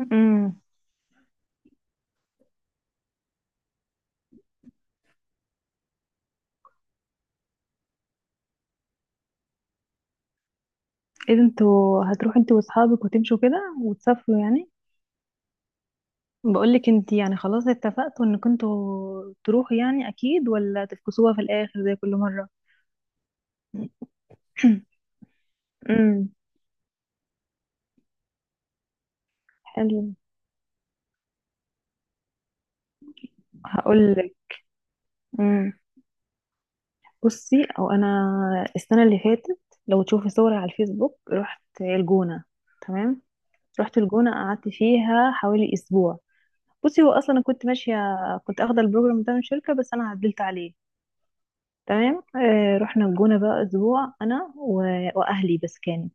امم ايه ده، انتوا هتروحوا انتوا واصحابك وتمشوا كده وتسافروا يعني؟ بقولك انت، يعني خلاص اتفقتوا انكم انتوا تروحوا يعني اكيد، ولا تفكسوها في الاخر زي كل مره؟ امم حلو، هقولك. امم بصي، انا السنه اللي فاتت، لو تشوفي صوري على الفيسبوك رحت الجونه، تمام. رحت الجونه قعدت فيها حوالي اسبوع. بصي، هو اصلا انا كنت ماشيه، كنت اخده البروجرام ده من شركه بس انا عدلت عليه. تمام، آه، رحنا الجونة بقى أسبوع أنا وأهلي، بس كانت...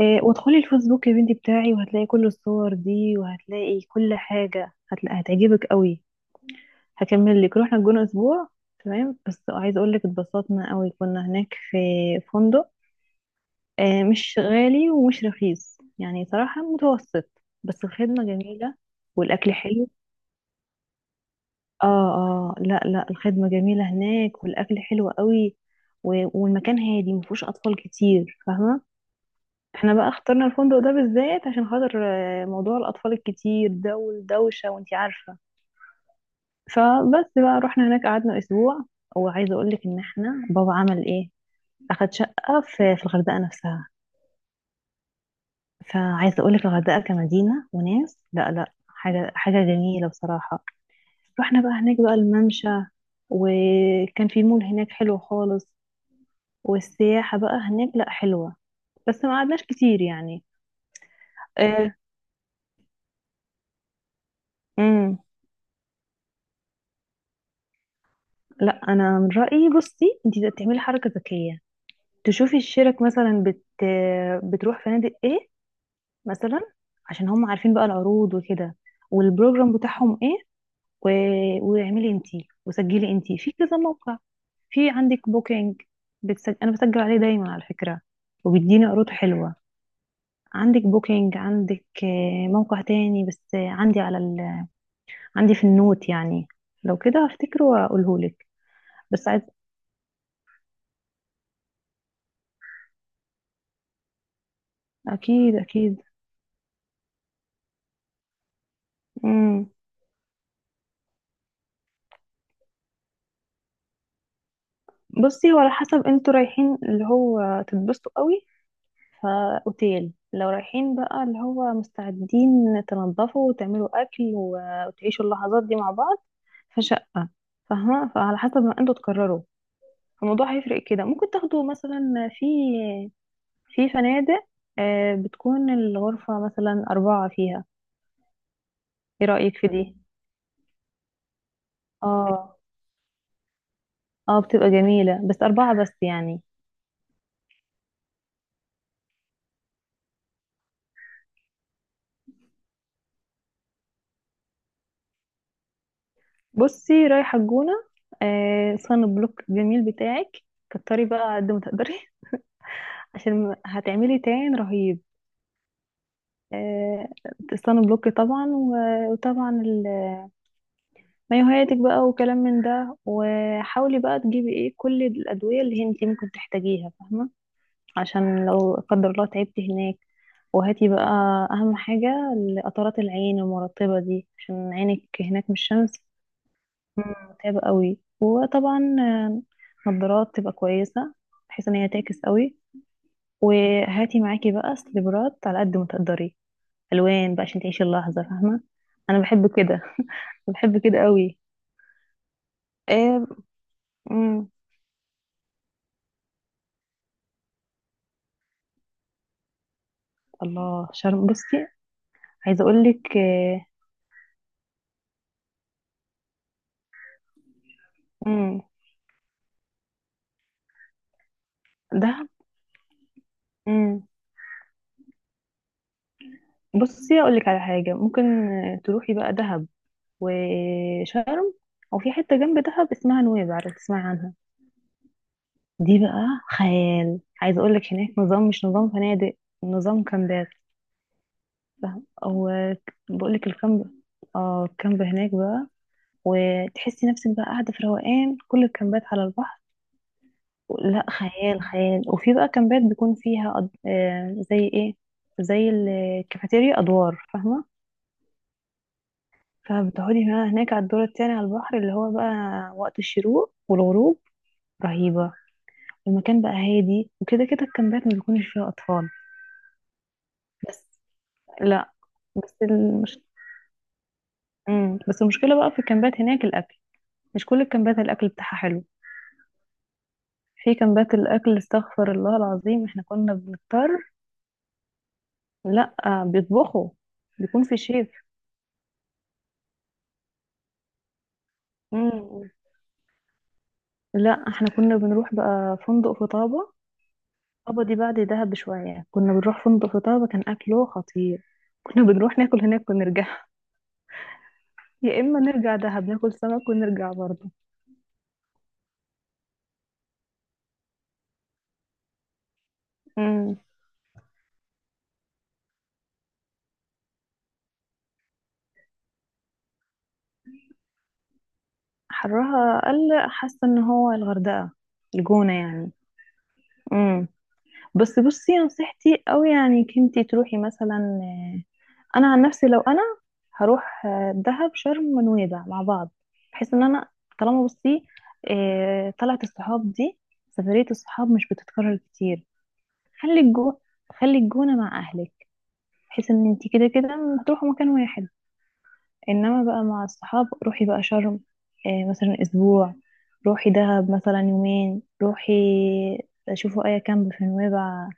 آه، وادخلي الفيسبوك يا بنتي بتاعي وهتلاقي كل الصور دي، وهتلاقي كل حاجة، هتلاقي هتعجبك قوي. هكمل لك، رحنا الجونة أسبوع، تمام، بس عايزة أقول لك اتبسطنا قوي، كنا هناك في فندق، آه، مش غالي ومش رخيص، يعني صراحة متوسط، بس الخدمة جميلة والأكل حلو. اه اه، لا لا، الخدمة جميلة هناك والأكل حلو قوي، والمكان هادي مفهوش أطفال كتير، فاهمة. احنا بقى اخترنا الفندق ده بالذات عشان خاطر موضوع الأطفال الكتير ده، والدوشة، وانتي عارفة. فبس بقى رحنا هناك قعدنا أسبوع، وعايزة أقولك إن احنا بابا عمل إيه، أخد شقة في الغردقة نفسها. فعايزة أقولك الغردقة كمدينة وناس، لا لا، حاجة حاجة جميلة بصراحة. رحنا بقى هناك بقى الممشى، وكان في مول هناك حلو خالص، والسياحة بقى هناك لا حلوة، بس ما قعدناش كتير يعني. آه. امم لا، انا من رأيي بصي انت تعملي حركة ذكية، تشوفي الشرك مثلا بتروح فنادق ايه مثلا، عشان هم عارفين بقى العروض وكده، والبروجرام بتاعهم ايه، و... واعملي انتي وسجلي انتي في كذا موقع. في عندك بوكينج، انا بسجل عليه دايما على فكرة، وبيديني عروض حلوة. عندك بوكينج، عندك موقع تاني بس، عندي في النوت يعني، لو كده هفتكره واقوله لك. بس عايز اكيد اكيد. امم بصي، هو على حسب انتوا رايحين اللي هو تتبسطوا قوي، فاوتيل، لو رايحين بقى اللي هو مستعدين تنضفوا وتعملوا اكل وتعيشوا اللحظات دي مع بعض، فشقة. فاهمة. فعلى حسب ما انتوا تقرروا الموضوع هيفرق كده. ممكن تاخدوا مثلا في فنادق، بتكون الغرفة مثلا أربعة فيها، ايه رأيك في دي؟ اه اه، بتبقى جميلة بس أربعة بس يعني. بصي، رايحة الجونة، آه صن بلوك جميل بتاعك كتري بقى قد ما تقدري، عشان هتعملي تان رهيب. آه، صن بلوك طبعا، مايوهاتك بقى وكلام من ده، وحاولي بقى تجيبي ايه كل الأدوية اللي انتي ممكن تحتاجيها، فاهمة. عشان لو لا قدر الله تعبتي هناك. وهاتي بقى أهم حاجة، قطرات العين المرطبة دي عشان عينك هناك من الشمس متعب قوي، وطبعا، نظارات تبقى كويسة بحيث ان هي تعكس قوي. وهاتي معاكي بقى سليبرات على قد ما تقدري، الوان بقى عشان تعيشي اللحظة، فاهمة. انا بحب كده، بحب كده قوي. إيه. مم. الله شرم، بصي، عايزة اقولك إيه. مم. دهب. مم. بصي اقولك على حاجة ممكن، تروحي بقى دهب وشرم، وفي حتة جنب دهب اسمها نويبع، عارفة تسمعي عنها. دي بقى خيال، عايزه اقول لك هناك نظام، مش نظام فنادق، نظام كامبات، فاهم. او بقول لك الكامب، اه الكامب هناك بقى، وتحسي نفسك بقى قاعده في روقان. كل الكامبات على البحر، لا خيال خيال. وفي بقى كامبات بيكون فيها أد... آه زي ايه، زي الكافيتيريا ادوار، فاهمه. فبتقعدي بقى هناك على الدور التاني على البحر، اللي هو بقى وقت الشروق والغروب رهيبه. المكان بقى هادي، وكده كده الكامبات ما بيكونش فيها اطفال. بس لا، بس المش... مم. بس المشكلة بقى في الكامبات هناك الأكل، مش كل الكامبات الأكل بتاعها حلو. في كامبات الأكل استغفر الله العظيم، احنا كنا بنضطر. لا، بيطبخوا، بيكون في شيف. مم. لا، احنا كنا بنروح بقى فندق في طابة. طابة دي بعد دهب بشوية، كنا بنروح فندق في طابة كان أكله خطير، كنا بنروح ناكل هناك ونرجع. يا إما نرجع دهب ناكل سمك ونرجع برضه. مم. حرها أقل، حاسة إن هو الغردقة، الجونة يعني. مم. بس بصي نصيحتي أوي يعني إنك انتي تروحي مثلا، آه، أنا عن نفسي لو أنا هروح دهب شرم ونويبع مع بعض، بحيث إن أنا طالما بصي طلعت الصحاب دي، سفرية الصحاب مش بتتكرر كتير. خلي الجو، خلي الجونة مع أهلك بحيث إن انتي كده كده هتروحوا مكان واحد، إنما بقى مع الصحاب روحي بقى شرم مثلا أسبوع، روحي دهب مثلا يومين، روحي شوفوا أي كامب في نويبع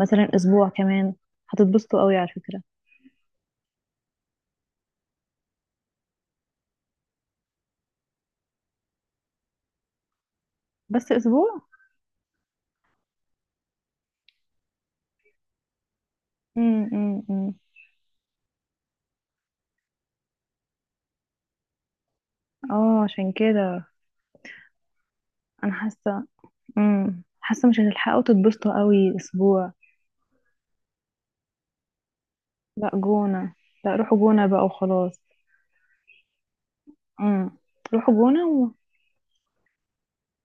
مثلا اسبوع كمان، هتتبسطوا قوي على فكرة. بس اسبوع. أمم. اه، عشان كده انا حاسة، حاسة مش هتلحقوا تتبسطوا قوي اسبوع. لا جونة، لا، روحوا جونة بقى وخلاص. امم روحوا جونة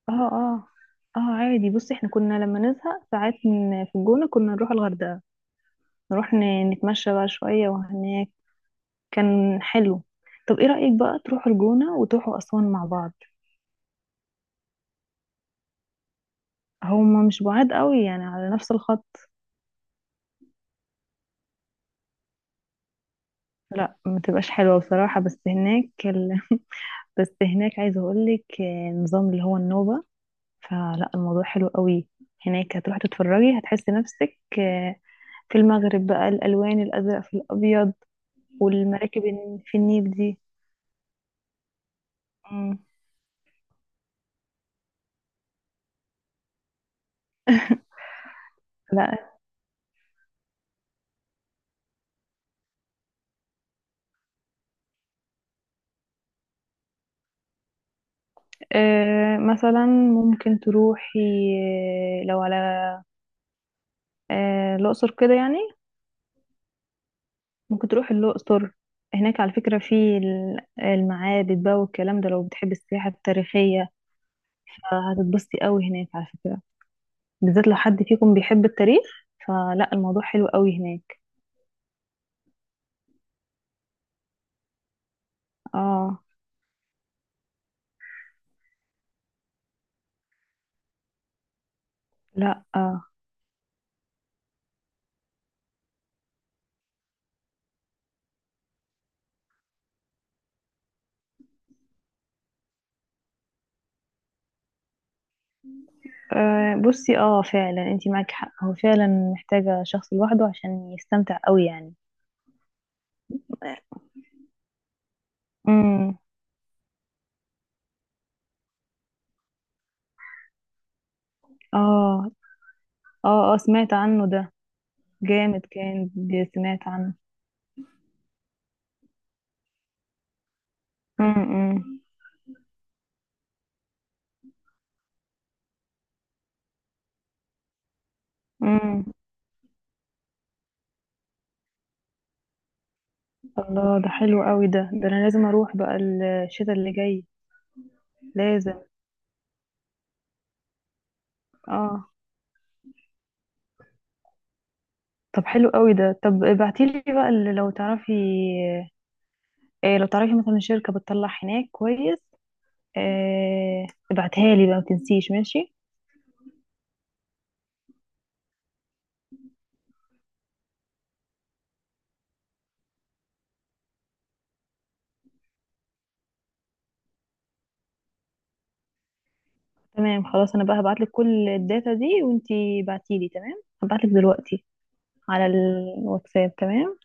اه اه، اه عادي بصي، احنا كنا لما نزهق ساعات في الجونة كنا نروح الغردقة، نروح نتمشى بقى شوية، وهناك كان حلو. طب ايه رأيك بقى تروحوا الجونة وتروحوا أسوان مع بعض؟ هما مش بعاد قوي يعني، على نفس الخط. لا ما تبقاش حلوة بصراحة، بس هناك بس هناك عايزة اقولك نظام اللي هو النوبة، فلا الموضوع حلو قوي هناك. هتروحي تتفرجي، هتحسي نفسك في المغرب بقى، الألوان الأزرق في الأبيض، والمراكب في النيل دي. مم. لا، آه، مثلا ممكن تروحي آه، لو على آه، الأقصر كده يعني، ممكن تروحي الأقصر. هناك على فكرة في المعابد بقى والكلام ده، لو بتحبي السياحة التاريخية هتتبسطي قوي هناك على فكرة، بالذات لو حد فيكم بيحب التاريخ، فلا الموضوع حلو قوي هناك. اه. لا. آه. آه، بصي، اه فعلا انتي معاكي حق، هو فعلا محتاجة شخص لوحده عشان يستمتع قوي يعني. امم اه اه. اه سمعت عنه ده، جامد كان سمعت عنه. امم امم الله، ده حلو قوي، ده انا لازم اروح بقى الشتاء اللي جاي، لازم. اه طب حلو قوي ده، طب ابعتيلي بقى اللي لو تعرفي إيه، لو تعرفي مثلا شركة بتطلع هناك كويس إيه، ابعتها لي بقى ما تنسيش، ماشي. تمام خلاص، انا بقى هبعتلك كل الداتا دي وانتي بعتيلي، تمام، هبعتلك دلوقتي على الواتساب، تمام.